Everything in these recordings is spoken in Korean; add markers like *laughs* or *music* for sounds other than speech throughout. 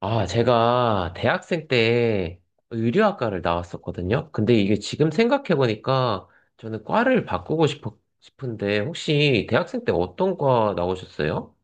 아, 제가 대학생 때 의류학과를 나왔었거든요. 근데 이게 지금 생각해보니까 저는 과를 바꾸고 싶은데 혹시 대학생 때 어떤 과 나오셨어요?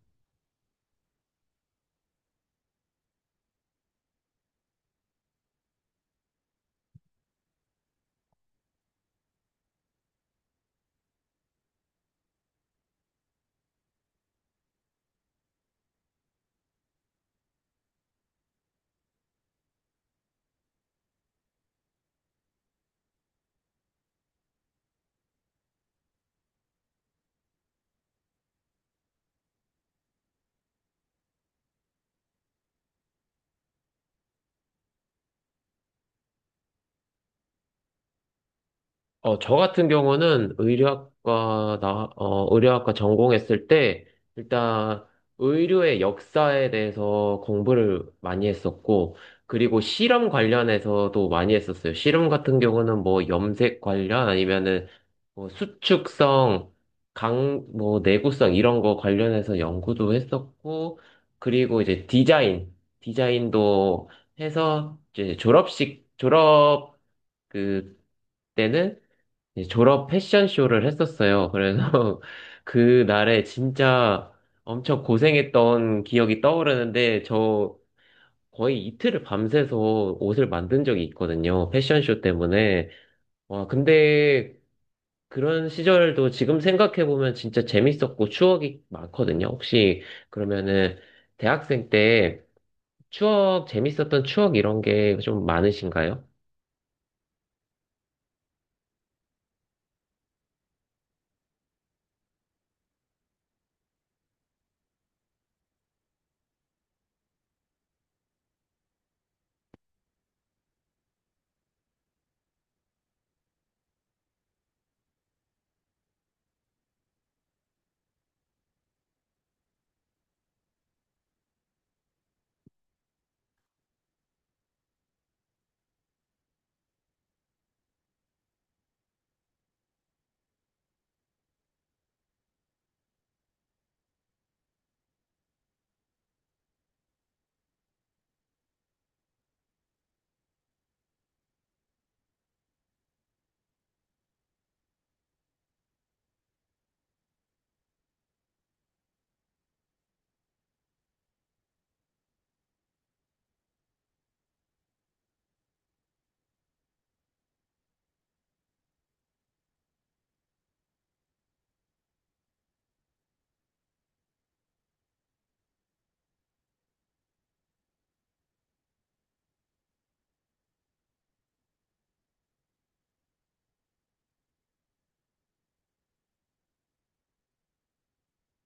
저 같은 경우는 의료학과 전공했을 때, 일단 의료의 역사에 대해서 공부를 많이 했었고, 그리고 실험 관련해서도 많이 했었어요. 실험 같은 경우는 뭐 염색 관련 아니면은 뭐 수축성, 뭐 내구성 이런 거 관련해서 연구도 했었고, 그리고 이제 디자인도 해서 이제 졸업 그, 때는 이제 졸업 패션쇼를 했었어요. 그래서 *laughs* 그 날에 진짜 엄청 고생했던 기억이 떠오르는데 저 거의 이틀을 밤새서 옷을 만든 적이 있거든요. 패션쇼 때문에. 와, 근데 그런 시절도 지금 생각해보면 진짜 재밌었고 추억이 많거든요. 혹시 그러면은 대학생 때 재밌었던 추억 이런 게 좀 많으신가요?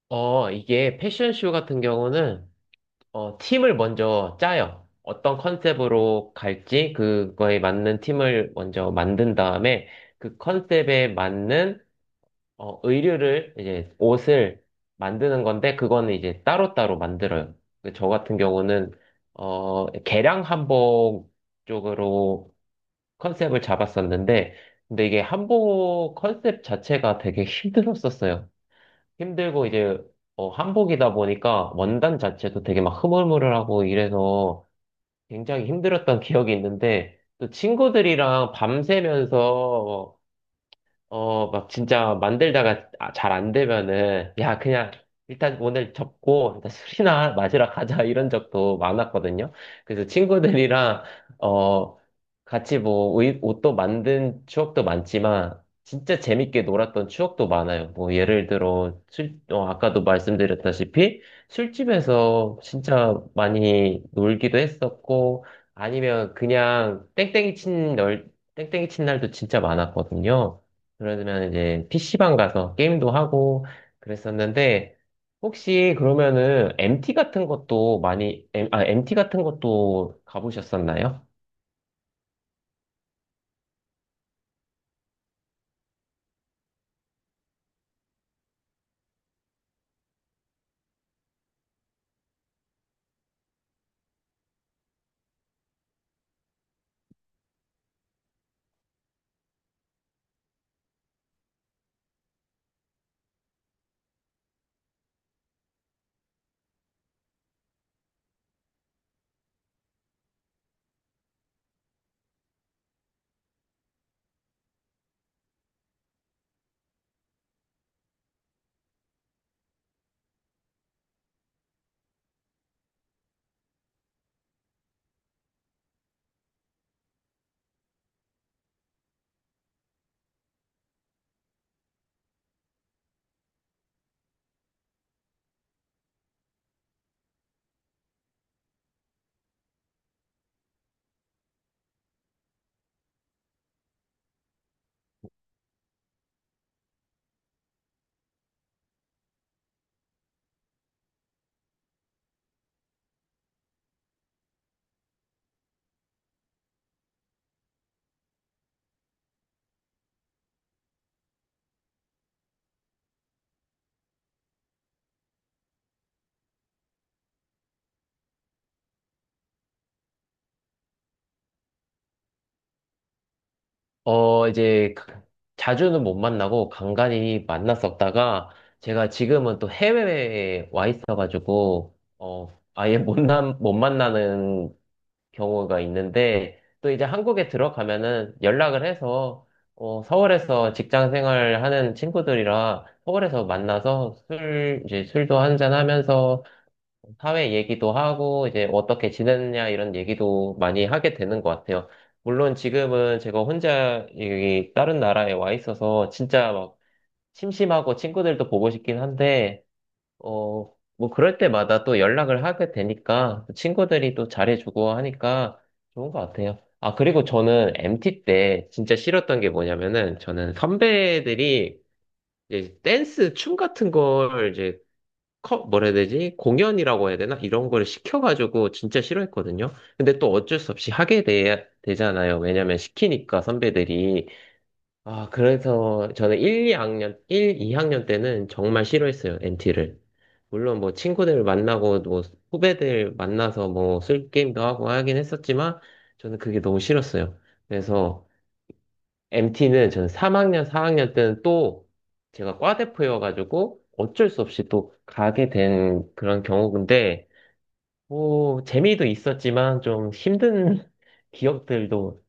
이게 패션쇼 같은 경우는 팀을 먼저 짜요. 어떤 컨셉으로 갈지 그거에 맞는 팀을 먼저 만든 다음에 그 컨셉에 맞는 어, 의류를 이제 옷을 만드는 건데 그거는 이제 따로따로 만들어요. 그저 같은 경우는 개량 한복 쪽으로 컨셉을 잡았었는데 근데 이게 한복 컨셉 자체가 되게 힘들었었어요. 힘들고 이제 한복이다 보니까 원단 자체도 되게 막 흐물흐물하고 이래서 굉장히 힘들었던 *laughs* 기억이 있는데 또 친구들이랑 밤새면서 막 진짜 만들다가 아, 잘안 되면은, 야, 그냥 일단 오늘 접고, 일단 술이나 *laughs* 마시러 가자, 이런 적도 많았거든요. 그래서 친구들이랑, 어, 같이 뭐, 옷도 만든 추억도 많지만, 진짜 재밌게 놀았던 추억도 많아요. 뭐, 예를 들어, 아까도 말씀드렸다시피, 술집에서 진짜 많이 놀기도 했었고, 아니면 그냥 땡땡이 친 날도 진짜 많았거든요. 그러면 이제 PC방 가서 게임도 하고 그랬었는데 혹시 그러면은 MT 같은 것도 많이 M, 아, MT 같은 것도 가보셨었나요? 이제 자주는 못 만나고 간간히 만났었다가 제가 지금은 또 해외에 와 있어가지고 어 아예 못 만나는 경우가 있는데 또 이제 한국에 들어가면은 연락을 해서 서울에서 직장 생활 하는 친구들이라 서울에서 만나서 술 이제 술도 한잔 하면서 사회 얘기도 하고 이제 어떻게 지냈냐 이런 얘기도 많이 하게 되는 것 같아요. 물론 지금은 제가 혼자 여기 다른 나라에 와 있어서 진짜 막 심심하고 친구들도 보고 싶긴 한데 뭐 그럴 때마다 또 연락을 하게 되니까 친구들이 또 잘해주고 하니까 좋은 것 같아요. 아, 그리고 저는 MT 때 진짜 싫었던 게 뭐냐면은 저는 선배들이 이제 댄스 춤 같은 걸 이제 뭐라 해야 되지? 공연이라고 해야 되나? 이런 걸 시켜가지고 진짜 싫어했거든요. 근데 또 어쩔 수 없이 하게 되잖아요. 왜냐면 시키니까 선배들이. 아, 그래서 저는 일, 이 학년 때는 정말 싫어했어요, m t 를. 물론 뭐 친구들 만나고 뭐 후배들 만나서 뭐 술 게임도 하고 하긴 했었지만 저는 그게 너무 싫었어요. 그래서 MT는 저는 3학년, 4학년 때는 또 제가 과대표여가지고 어쩔 수 없이 또 가게 된 그런 경우인데 뭐 재미도 있었지만 좀 힘든 *laughs* 기억들도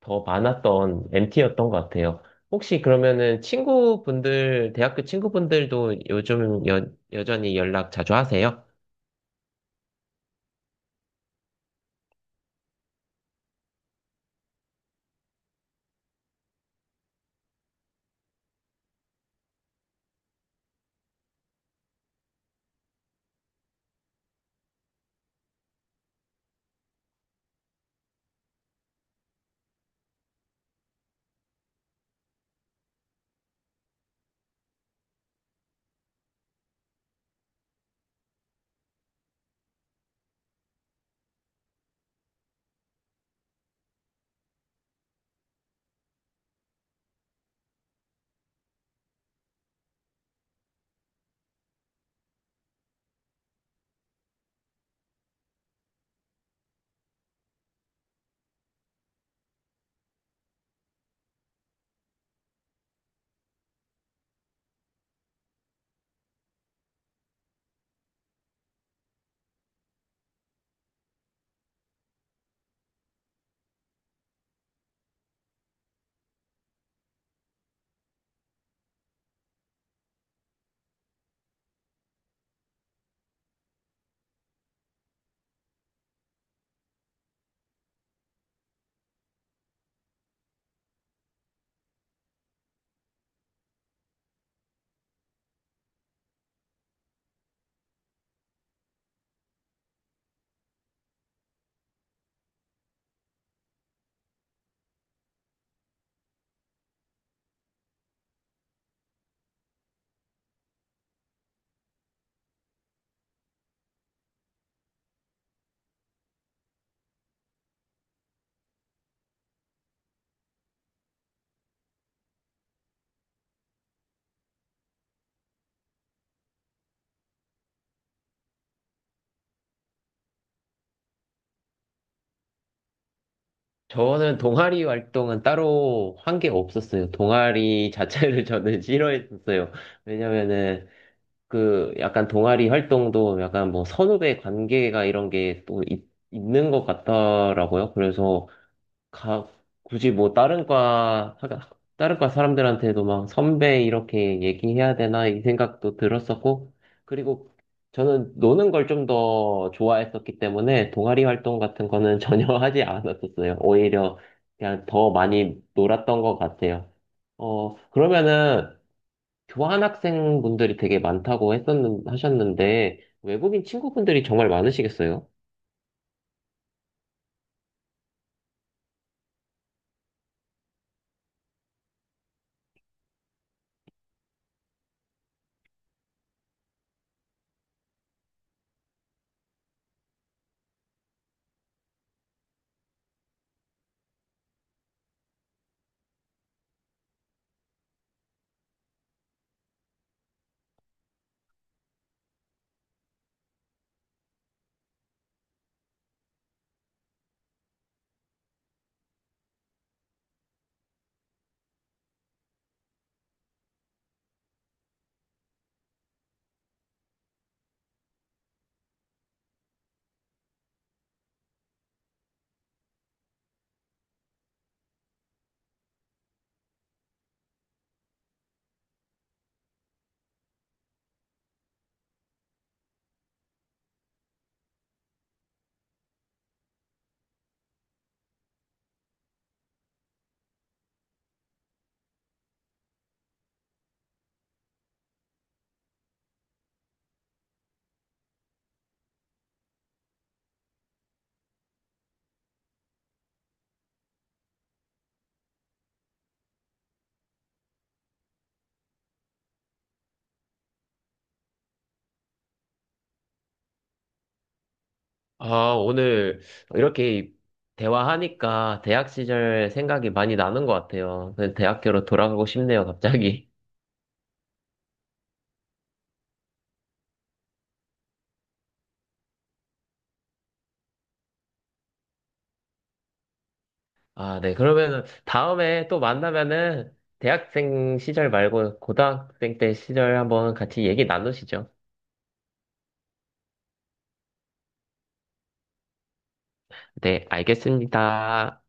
더 많았던 MT였던 것 같아요. 혹시 그러면은 친구분들, 대학교 친구분들도 요즘 여전히 연락 자주 하세요? 저는 동아리 활동은 따로 한 게 없었어요. 동아리 자체를 *laughs* 저는 싫어했었어요. 왜냐면은 그 약간 동아리 활동도 약간 뭐 선후배 관계가 이런 게 또 있는 것 같더라고요. 그래서 가, 굳이 뭐 다른 과 사람들한테도 막 선배 이렇게 얘기해야 되나 이 생각도 들었었고, 그리고 저는 노는 걸 좀 더 좋아했었기 때문에 동아리 활동 같은 거는 *laughs* 전혀 하지 않았었어요. 오히려 그냥 더 많이 놀았던 것 같아요. 그러면은 교환학생 분들이 되게 많다고 하셨는데, 외국인 친구분들이 정말 많으시겠어요? 아, 오늘 이렇게 대화하니까 대학 시절 생각이 많이 나는 것 같아요. 그 대학교로 돌아가고 싶네요, 갑자기. *laughs* 아, 네. 그러면은 다음에 또 만나면은 대학생 시절 말고 고등학생 때 시절 한번 같이 얘기 나누시죠. 네, 알겠습니다.